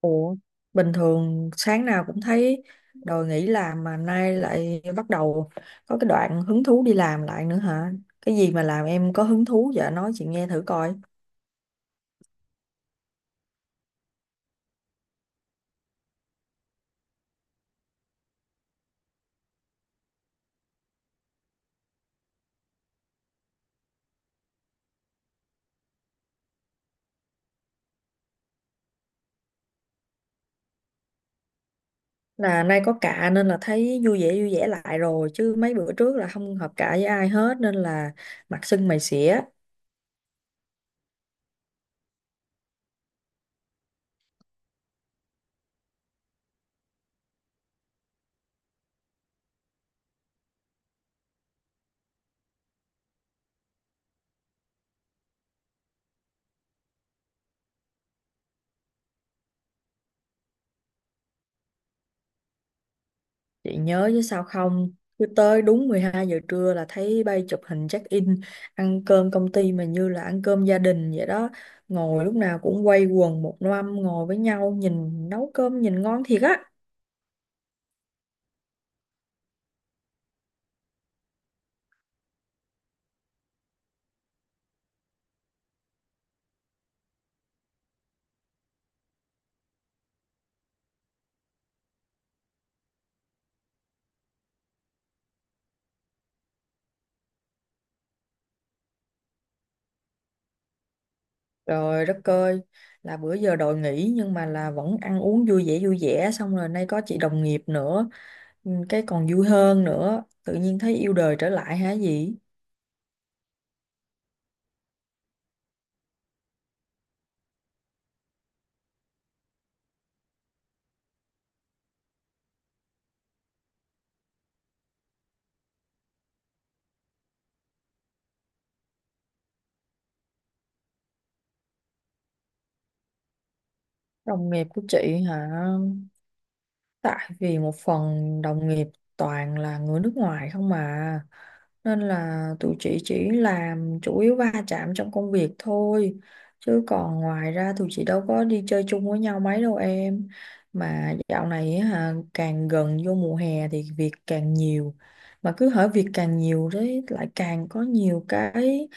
Ủa, bình thường sáng nào cũng thấy đòi nghỉ làm mà nay lại bắt đầu có cái đoạn hứng thú đi làm lại nữa hả? Cái gì mà làm em có hứng thú vậy? Nói chị nghe thử coi. Là nay có cạ nên là thấy vui vẻ lại rồi, chứ mấy bữa trước là không hợp cạ với ai hết nên là mặt sưng mày xỉa. Chị nhớ chứ sao không. Cứ tới đúng 12 giờ trưa là thấy bay chụp hình check in. Ăn cơm công ty mà như là ăn cơm gia đình vậy đó. Ngồi lúc nào cũng quây quần một năm ngồi với nhau. Nhìn nấu cơm nhìn ngon thiệt á. Trời đất ơi. Là bữa giờ đòi nghỉ nhưng mà là vẫn ăn uống vui vẻ vui vẻ. Xong rồi nay có chị đồng nghiệp nữa, cái còn vui hơn nữa. Tự nhiên thấy yêu đời trở lại hả gì. Đồng nghiệp của chị hả. Tại vì một phần đồng nghiệp toàn là người nước ngoài không mà, nên là tụi chị chỉ làm chủ yếu va chạm trong công việc thôi, chứ còn ngoài ra tụi chị đâu có đi chơi chung với nhau mấy đâu em. Mà dạo này á hả, càng gần vô mùa hè thì việc càng nhiều, mà cứ hở việc càng nhiều đấy lại càng có nhiều cái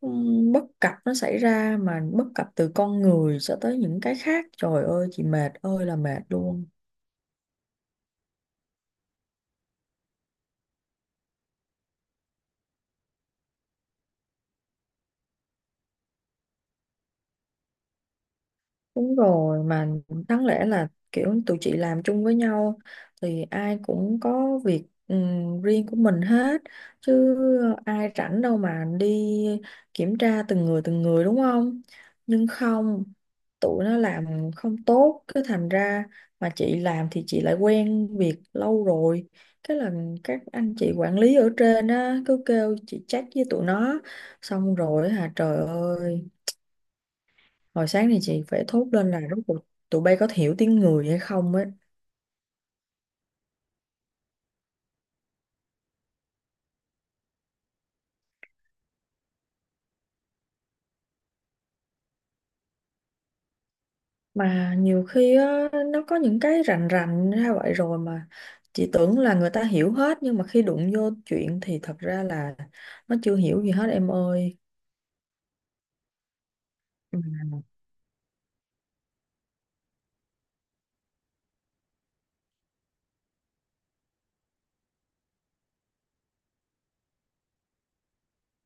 bất cập nó xảy ra, mà bất cập từ con người cho tới những cái khác, trời ơi chị mệt ơi là mệt luôn. Đúng rồi, mà đáng lẽ là kiểu tụi chị làm chung với nhau thì ai cũng có việc riêng của mình hết, chứ ai rảnh đâu mà đi kiểm tra từng người đúng không? Nhưng không, tụi nó làm không tốt cứ thành ra, mà chị làm thì chị lại quen việc lâu rồi. Cái là các anh chị quản lý ở trên á cứ kêu chị check với tụi nó, xong rồi hả trời ơi. Hồi sáng thì chị phải thốt lên là rốt cuộc tụi bay có hiểu tiếng người hay không ấy. Mà nhiều khi á, nó có những cái rành rành ra vậy rồi mà chị tưởng là người ta hiểu hết, nhưng mà khi đụng vô chuyện thì thật ra là nó chưa hiểu gì hết em ơi. Ừ.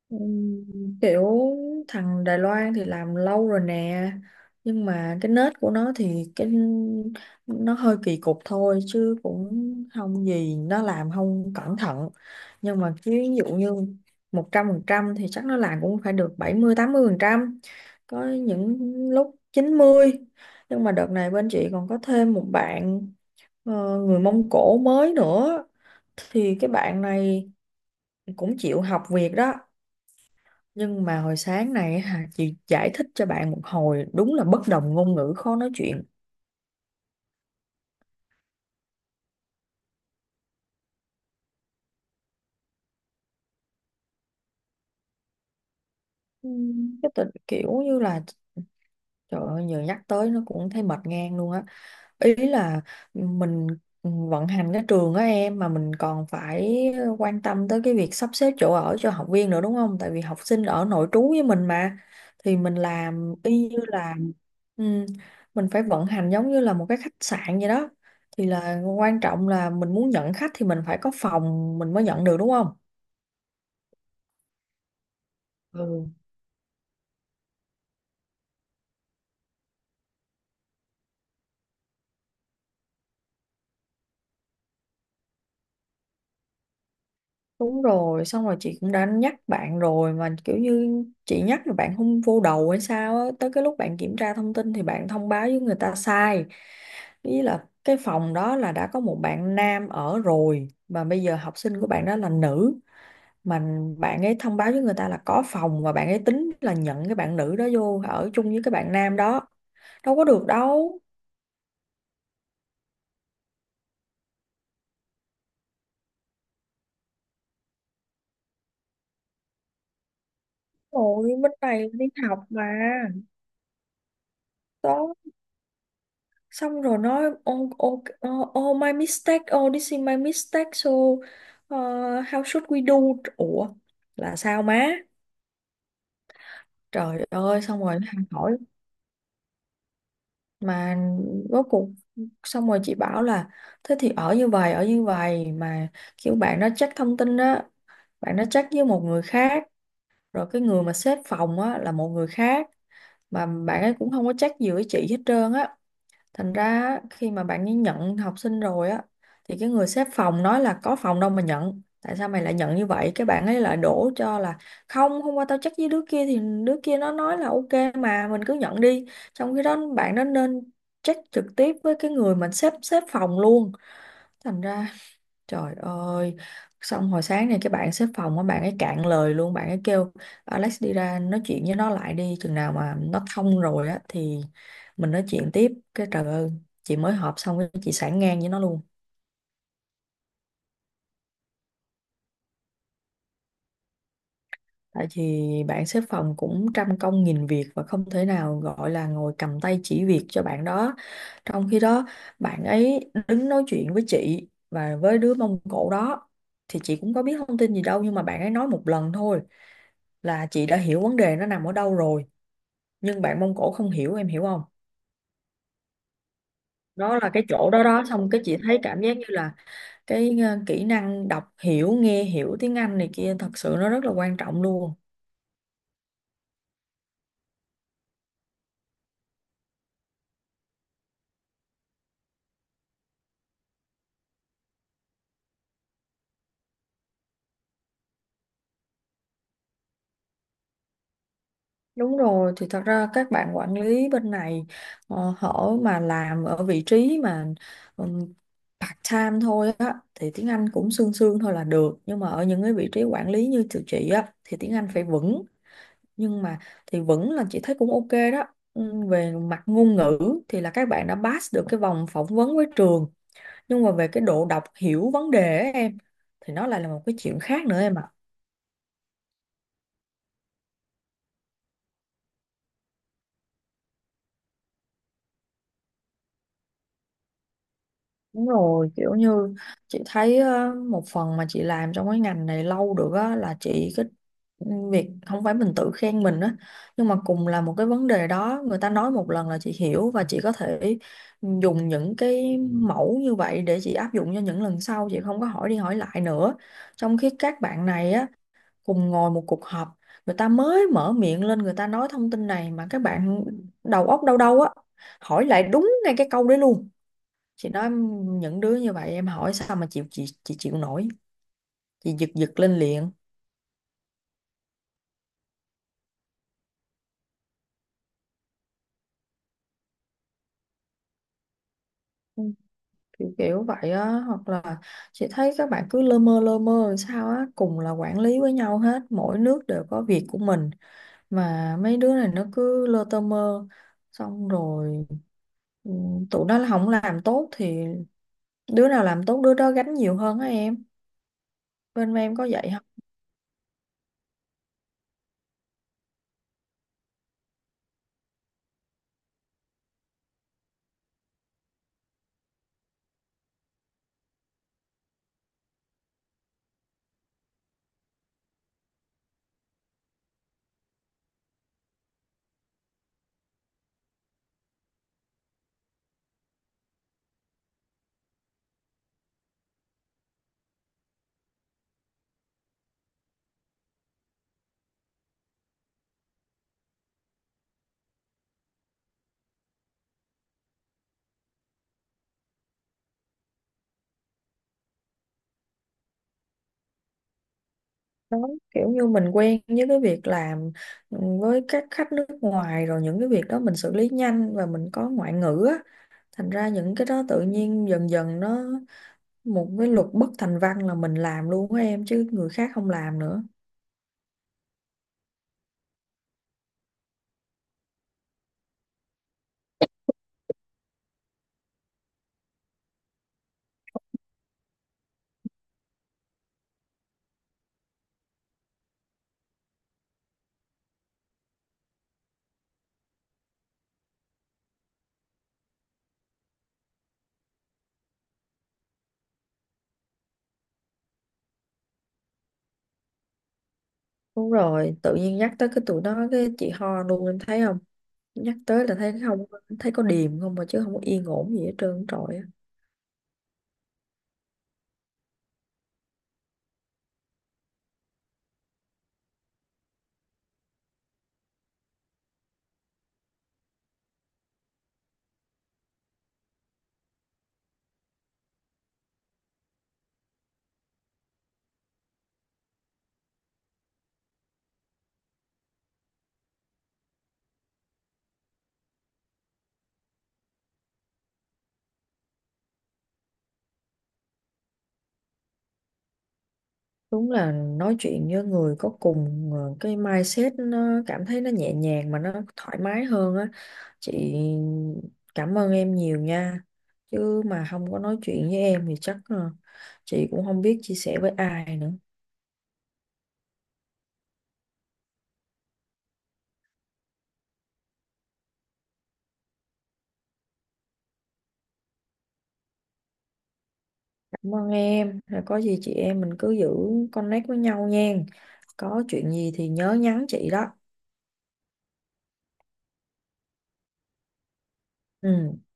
Ừm, Kiểu thằng Đài Loan thì làm lâu rồi nè, nhưng mà cái nết của nó thì cái nó hơi kỳ cục thôi chứ cũng không gì, nó làm không cẩn thận, nhưng mà chứ ví dụ như 100% thì chắc nó làm cũng phải được 70 80%, có những lúc 90. Nhưng mà đợt này bên chị còn có thêm một bạn người Mông Cổ mới nữa, thì cái bạn này cũng chịu học việc đó, nhưng mà hồi sáng này hả, chị giải thích cho bạn một hồi đúng là bất đồng ngôn ngữ khó nói chuyện. Cái tình kiểu như là, trời ơi, giờ nhắc tới nó cũng thấy mệt ngang luôn á. Ý là mình vận hành cái trường á em, mà mình còn phải quan tâm tới cái việc sắp xếp chỗ ở cho học viên nữa đúng không? Tại vì học sinh ở nội trú với mình mà, thì mình làm y như là, ừm, mình phải vận hành giống như là một cái khách sạn vậy đó. Thì là quan trọng là mình muốn nhận khách thì mình phải có phòng mình mới nhận được đúng không? Ừ. Đúng rồi, xong rồi chị cũng đã nhắc bạn rồi mà kiểu như chị nhắc rồi bạn không vô đầu hay sao á, tới cái lúc bạn kiểm tra thông tin thì bạn thông báo với người ta sai. Ý là cái phòng đó là đã có một bạn nam ở rồi mà bây giờ học sinh của bạn đó là nữ, mà bạn ấy thông báo với người ta là có phòng và bạn ấy tính là nhận cái bạn nữ đó vô ở chung với cái bạn nam đó. Đâu có được đâu. Rồi bên này đi học mà. Đó xong rồi nói oh, oh, oh, oh my mistake, oh this is my mistake, so how should we do. Ủa là sao má, trời ơi xong rồi nó hay hỏi mà rốt cuộc. Xong rồi chị bảo là thế thì ở như vậy ở như vậy, mà kiểu bạn nó check thông tin á, bạn nó check với một người khác, rồi cái người mà xếp phòng á là một người khác, mà bạn ấy cũng không có check gì với chị hết trơn á. Thành ra á, khi mà bạn ấy nhận học sinh rồi á thì cái người xếp phòng nói là có phòng đâu mà nhận. Tại sao mày lại nhận như vậy? Cái bạn ấy lại đổ cho là không, hôm qua tao chắc với đứa kia thì đứa kia nó nói là ok mà mình cứ nhận đi. Trong khi đó bạn đó nên check trực tiếp với cái người mà xếp xếp phòng luôn. Thành ra, trời ơi, xong hồi sáng này cái bạn xếp phòng á, bạn ấy cạn lời luôn, bạn ấy kêu Alex đi ra nói chuyện với nó lại đi, chừng nào mà nó thông rồi á thì mình nói chuyện tiếp. Cái trời ơi, chị mới họp xong cái chị sảng ngang với nó luôn. Tại vì bạn xếp phòng cũng trăm công nghìn việc và không thể nào gọi là ngồi cầm tay chỉ việc cho bạn đó, trong khi đó bạn ấy đứng nói chuyện với chị và với đứa Mông Cổ đó thì chị cũng có biết thông tin gì đâu, nhưng mà bạn ấy nói một lần thôi là chị đã hiểu vấn đề nó nằm ở đâu rồi, nhưng bạn Mông Cổ không hiểu em hiểu không. Đó là cái chỗ đó đó, xong cái chị thấy cảm giác như là cái kỹ năng đọc hiểu nghe hiểu tiếng Anh này kia thật sự nó rất là quan trọng luôn. Đúng rồi, thì thật ra các bạn quản lý bên này họ mà làm ở vị trí mà ừm, part-time thôi á thì tiếng Anh cũng sương sương thôi là được, nhưng mà ở những cái vị trí quản lý như tụi chị á thì tiếng Anh phải vững, nhưng mà thì vững là chị thấy cũng ok đó. Về mặt ngôn ngữ thì là các bạn đã pass được cái vòng phỏng vấn với trường, nhưng mà về cái độ đọc hiểu vấn đề á em thì nó lại là một cái chuyện khác nữa em ạ. Đúng rồi, kiểu như chị thấy một phần mà chị làm trong cái ngành này lâu được á là chị cái việc không phải mình tự khen mình á, nhưng mà cùng là một cái vấn đề đó người ta nói một lần là chị hiểu và chị có thể dùng những cái mẫu như vậy để chị áp dụng cho những lần sau, chị không có hỏi đi hỏi lại nữa. Trong khi các bạn này á, cùng ngồi một cuộc họp, người ta mới mở miệng lên người ta nói thông tin này mà các bạn đầu óc đâu đâu á, hỏi lại đúng ngay cái câu đấy luôn. Chị nói những đứa như vậy em hỏi sao mà chịu, chị chịu nổi, chị giật giật lên liền. Ừ, kiểu kiểu vậy á, hoặc là chị thấy các bạn cứ lơ mơ làm sao á, cùng là quản lý với nhau hết, mỗi nước đều có việc của mình, mà mấy đứa này nó cứ lơ tơ mơ, xong rồi, ừ, tụi nó không làm tốt thì đứa nào làm tốt đứa đó gánh nhiều hơn á em, bên em có vậy đó. Kiểu như mình quen với cái việc làm với các khách nước ngoài rồi, những cái việc đó mình xử lý nhanh và mình có ngoại ngữ á, thành ra những cái đó tự nhiên dần dần nó một cái luật bất thành văn là mình làm luôn á em, chứ người khác không làm nữa. Đúng rồi, tự nhiên nhắc tới cái tụi nó cái chị ho luôn em thấy không, nhắc tới là thấy không, thấy có điềm không mà, chứ không có yên ổn gì hết trơn trời á. Đúng là nói chuyện với người có cùng cái mindset nó cảm thấy nó nhẹ nhàng mà nó thoải mái hơn á. Chị cảm ơn em nhiều nha. Chứ mà không có nói chuyện với em thì chắc chị cũng không biết chia sẻ với ai nữa. Cảm ơn em. Rồi có gì chị em mình cứ giữ connect với nhau nha. Có chuyện gì thì nhớ nhắn chị đó. Ừ.